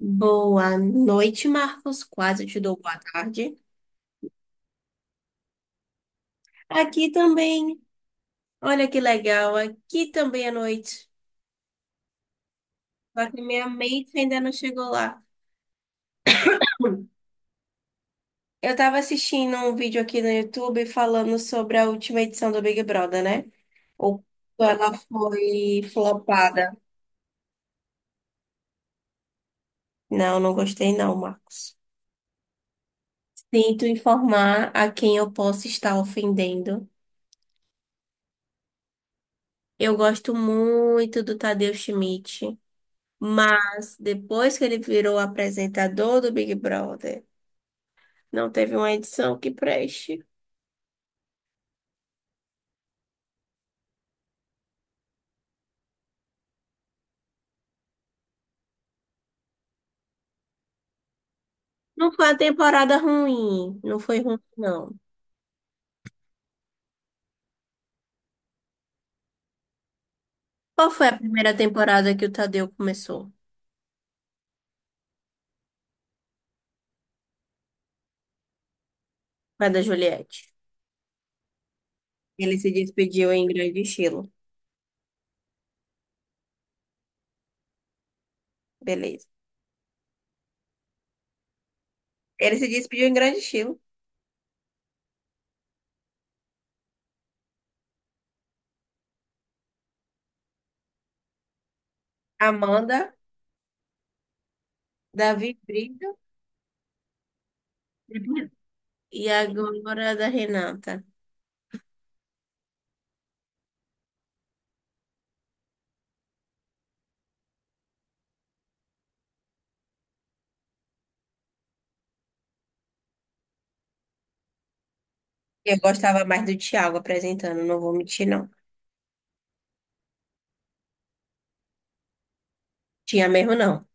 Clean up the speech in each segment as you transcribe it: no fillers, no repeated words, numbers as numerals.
Boa noite, Marcos. Quase te dou boa tarde. Aqui também. Olha que legal. Aqui também é noite. Só que minha mente ainda não chegou lá. Hum. Eu tava assistindo um vídeo aqui no YouTube falando sobre a última edição do Big Brother, né? Ou quando ela foi flopada. Não, não gostei não, Marcos. Sinto informar a quem eu posso estar ofendendo. Eu gosto muito do Tadeu Schmidt. Mas depois que ele virou apresentador do Big Brother, não teve uma edição que preste. Não foi a temporada ruim, não foi ruim, não. Qual foi a primeira temporada que o Tadeu começou? Foi a da Juliette. Ele se despediu em grande estilo. Beleza. Ele se despediu em grande estilo. Amanda, Davi Brito depois- e agora a da Renata. Eu gostava mais do Thiago apresentando, não vou mentir, não. Tinha mesmo, não.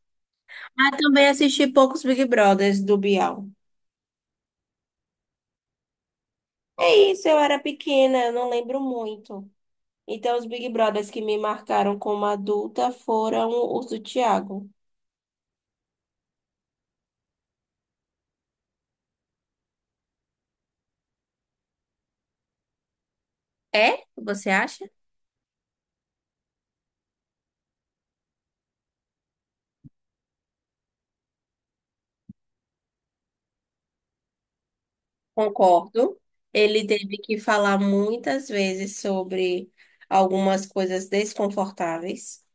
Ah, também assisti poucos Big Brothers do Bial. É isso, eu era pequena, eu não lembro muito. Então, os Big Brothers que me marcaram como adulta foram os do Thiago. É? Você acha? Concordo. Ele teve que falar muitas vezes sobre algumas coisas desconfortáveis.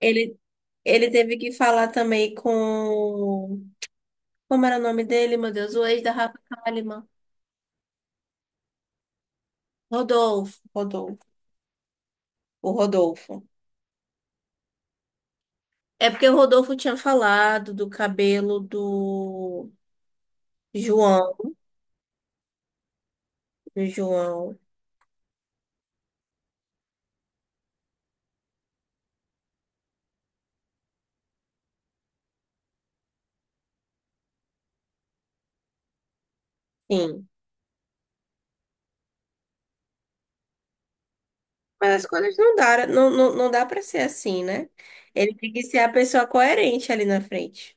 Ele, ele teve que falar também com. Como era o nome dele, meu Deus? O ex da Rafa Kalimann. Rodolfo. Rodolfo. O Rodolfo. É porque o Rodolfo tinha falado do cabelo do. João, João, sim. Mas as coisas não dá, não, não, não dá para ser assim, né? Ele tem que ser a pessoa coerente ali na frente.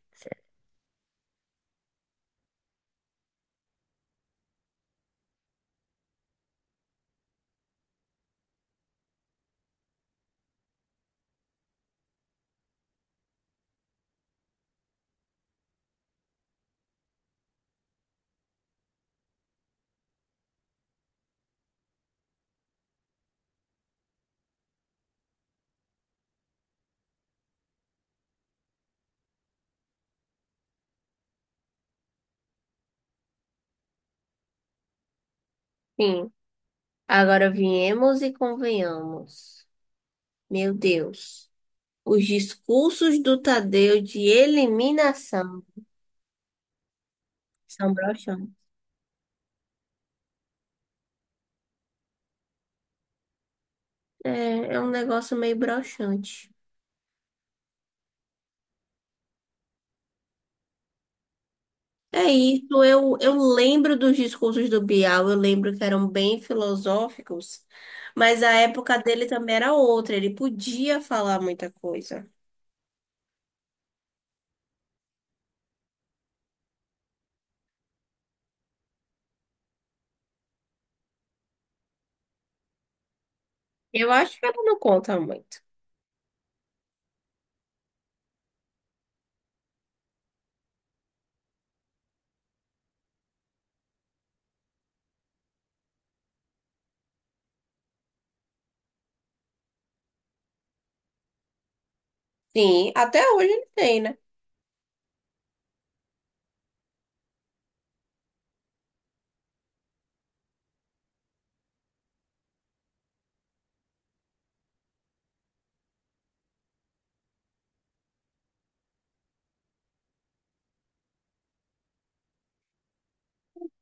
Sim. Agora viemos e convenhamos. Meu Deus. Os discursos do Tadeu de eliminação são broxantes. É, é um negócio meio broxante. É isso, eu lembro dos discursos do Bial, eu lembro que eram bem filosóficos, mas a época dele também era outra, ele podia falar muita coisa. Eu acho que ele não conta muito. Sim, até hoje ele tem, né?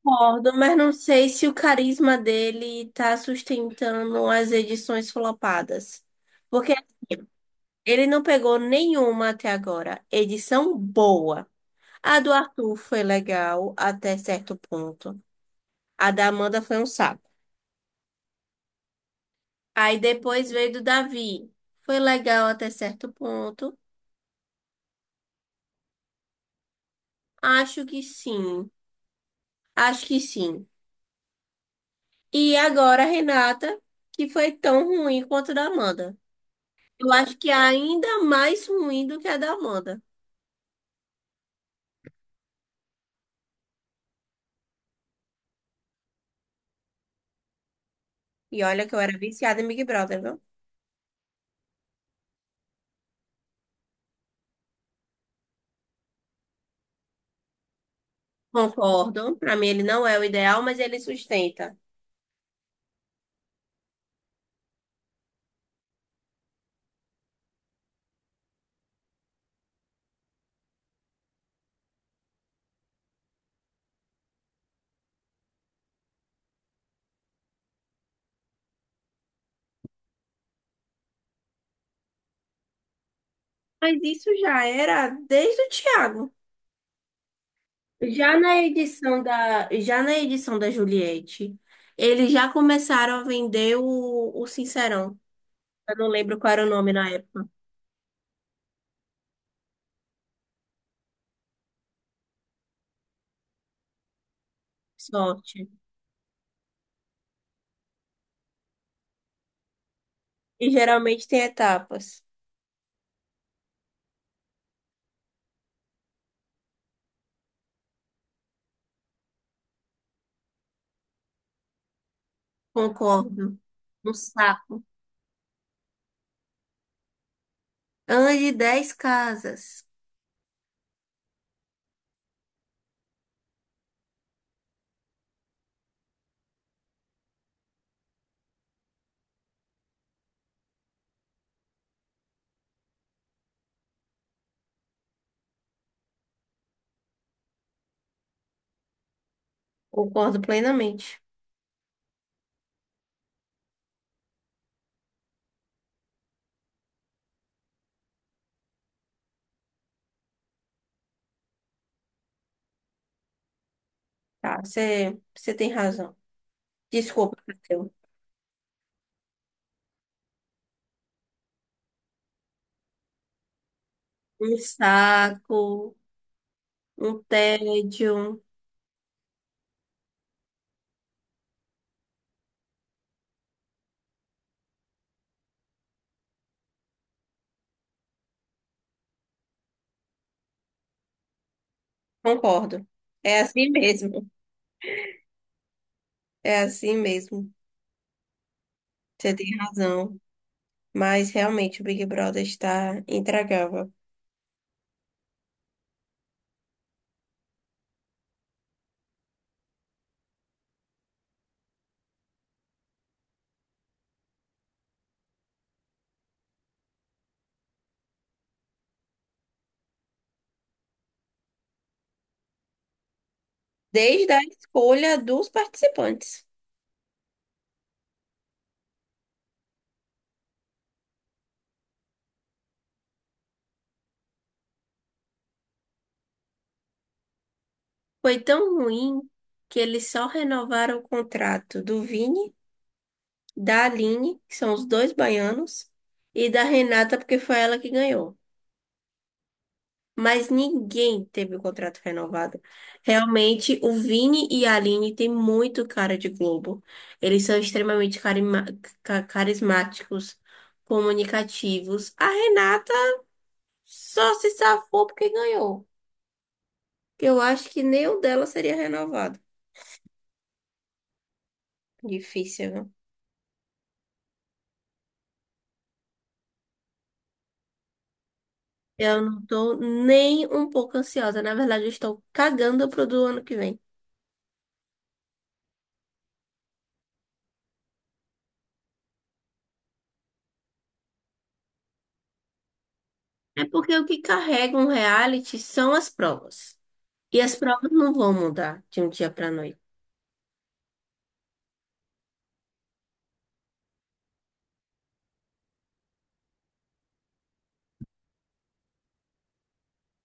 Concordo, mas não sei se o carisma dele tá sustentando as edições flopadas. Porque ele não pegou nenhuma até agora. Edição boa. A do Arthur foi legal até certo ponto. A da Amanda foi um saco. Aí depois veio do Davi. Foi legal até certo ponto. Acho que sim. Acho que sim. E agora a Renata, que foi tão ruim quanto a da Amanda. Eu acho que é ainda mais ruim do que a da Amanda. E olha que eu era viciada em Big Brother, viu? Concordo. Pra mim ele não é o ideal, mas ele sustenta. Mas isso já era desde o Thiago. Já na edição da, já na edição da Juliette, eles já começaram a vender o Sincerão. Eu não lembro qual era o nome na época. Sorte. E geralmente tem etapas. Concordo. Um saco. Ande 10 casas. Concordo plenamente. Tá, você tem razão. Desculpa, Matheus. Um saco, um tédio. Concordo. É assim mesmo. É assim mesmo. Você tem razão. Mas realmente o Big Brother está intragável. Desde a escolha dos participantes. Foi tão ruim que eles só renovaram o contrato do Vini, da Aline, que são os dois baianos, e da Renata, porque foi ela que ganhou. Mas ninguém teve o contrato renovado. Realmente, o Vini e a Aline têm muito cara de Globo. Eles são extremamente carima- ca- carismáticos, comunicativos. A Renata só se safou porque ganhou. Eu acho que nem o dela seria renovado. Difícil, viu? Eu não tô nem um pouco ansiosa. Na verdade, eu estou cagando pro do ano que vem. É porque o que carrega um reality são as provas. E as provas não vão mudar de um dia pra noite.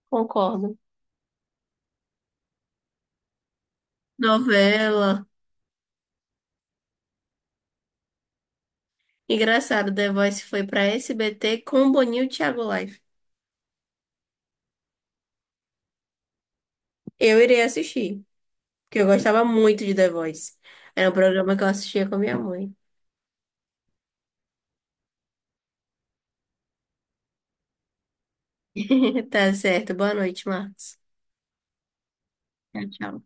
Concordo. Novela. Engraçado, The Voice foi pra SBT com Boninho e Thiago Life. Eu irei assistir, porque eu gostava muito de The Voice. Era um programa que eu assistia com minha mãe. Tá certo. Boa noite, Marcos. Tchau, tchau.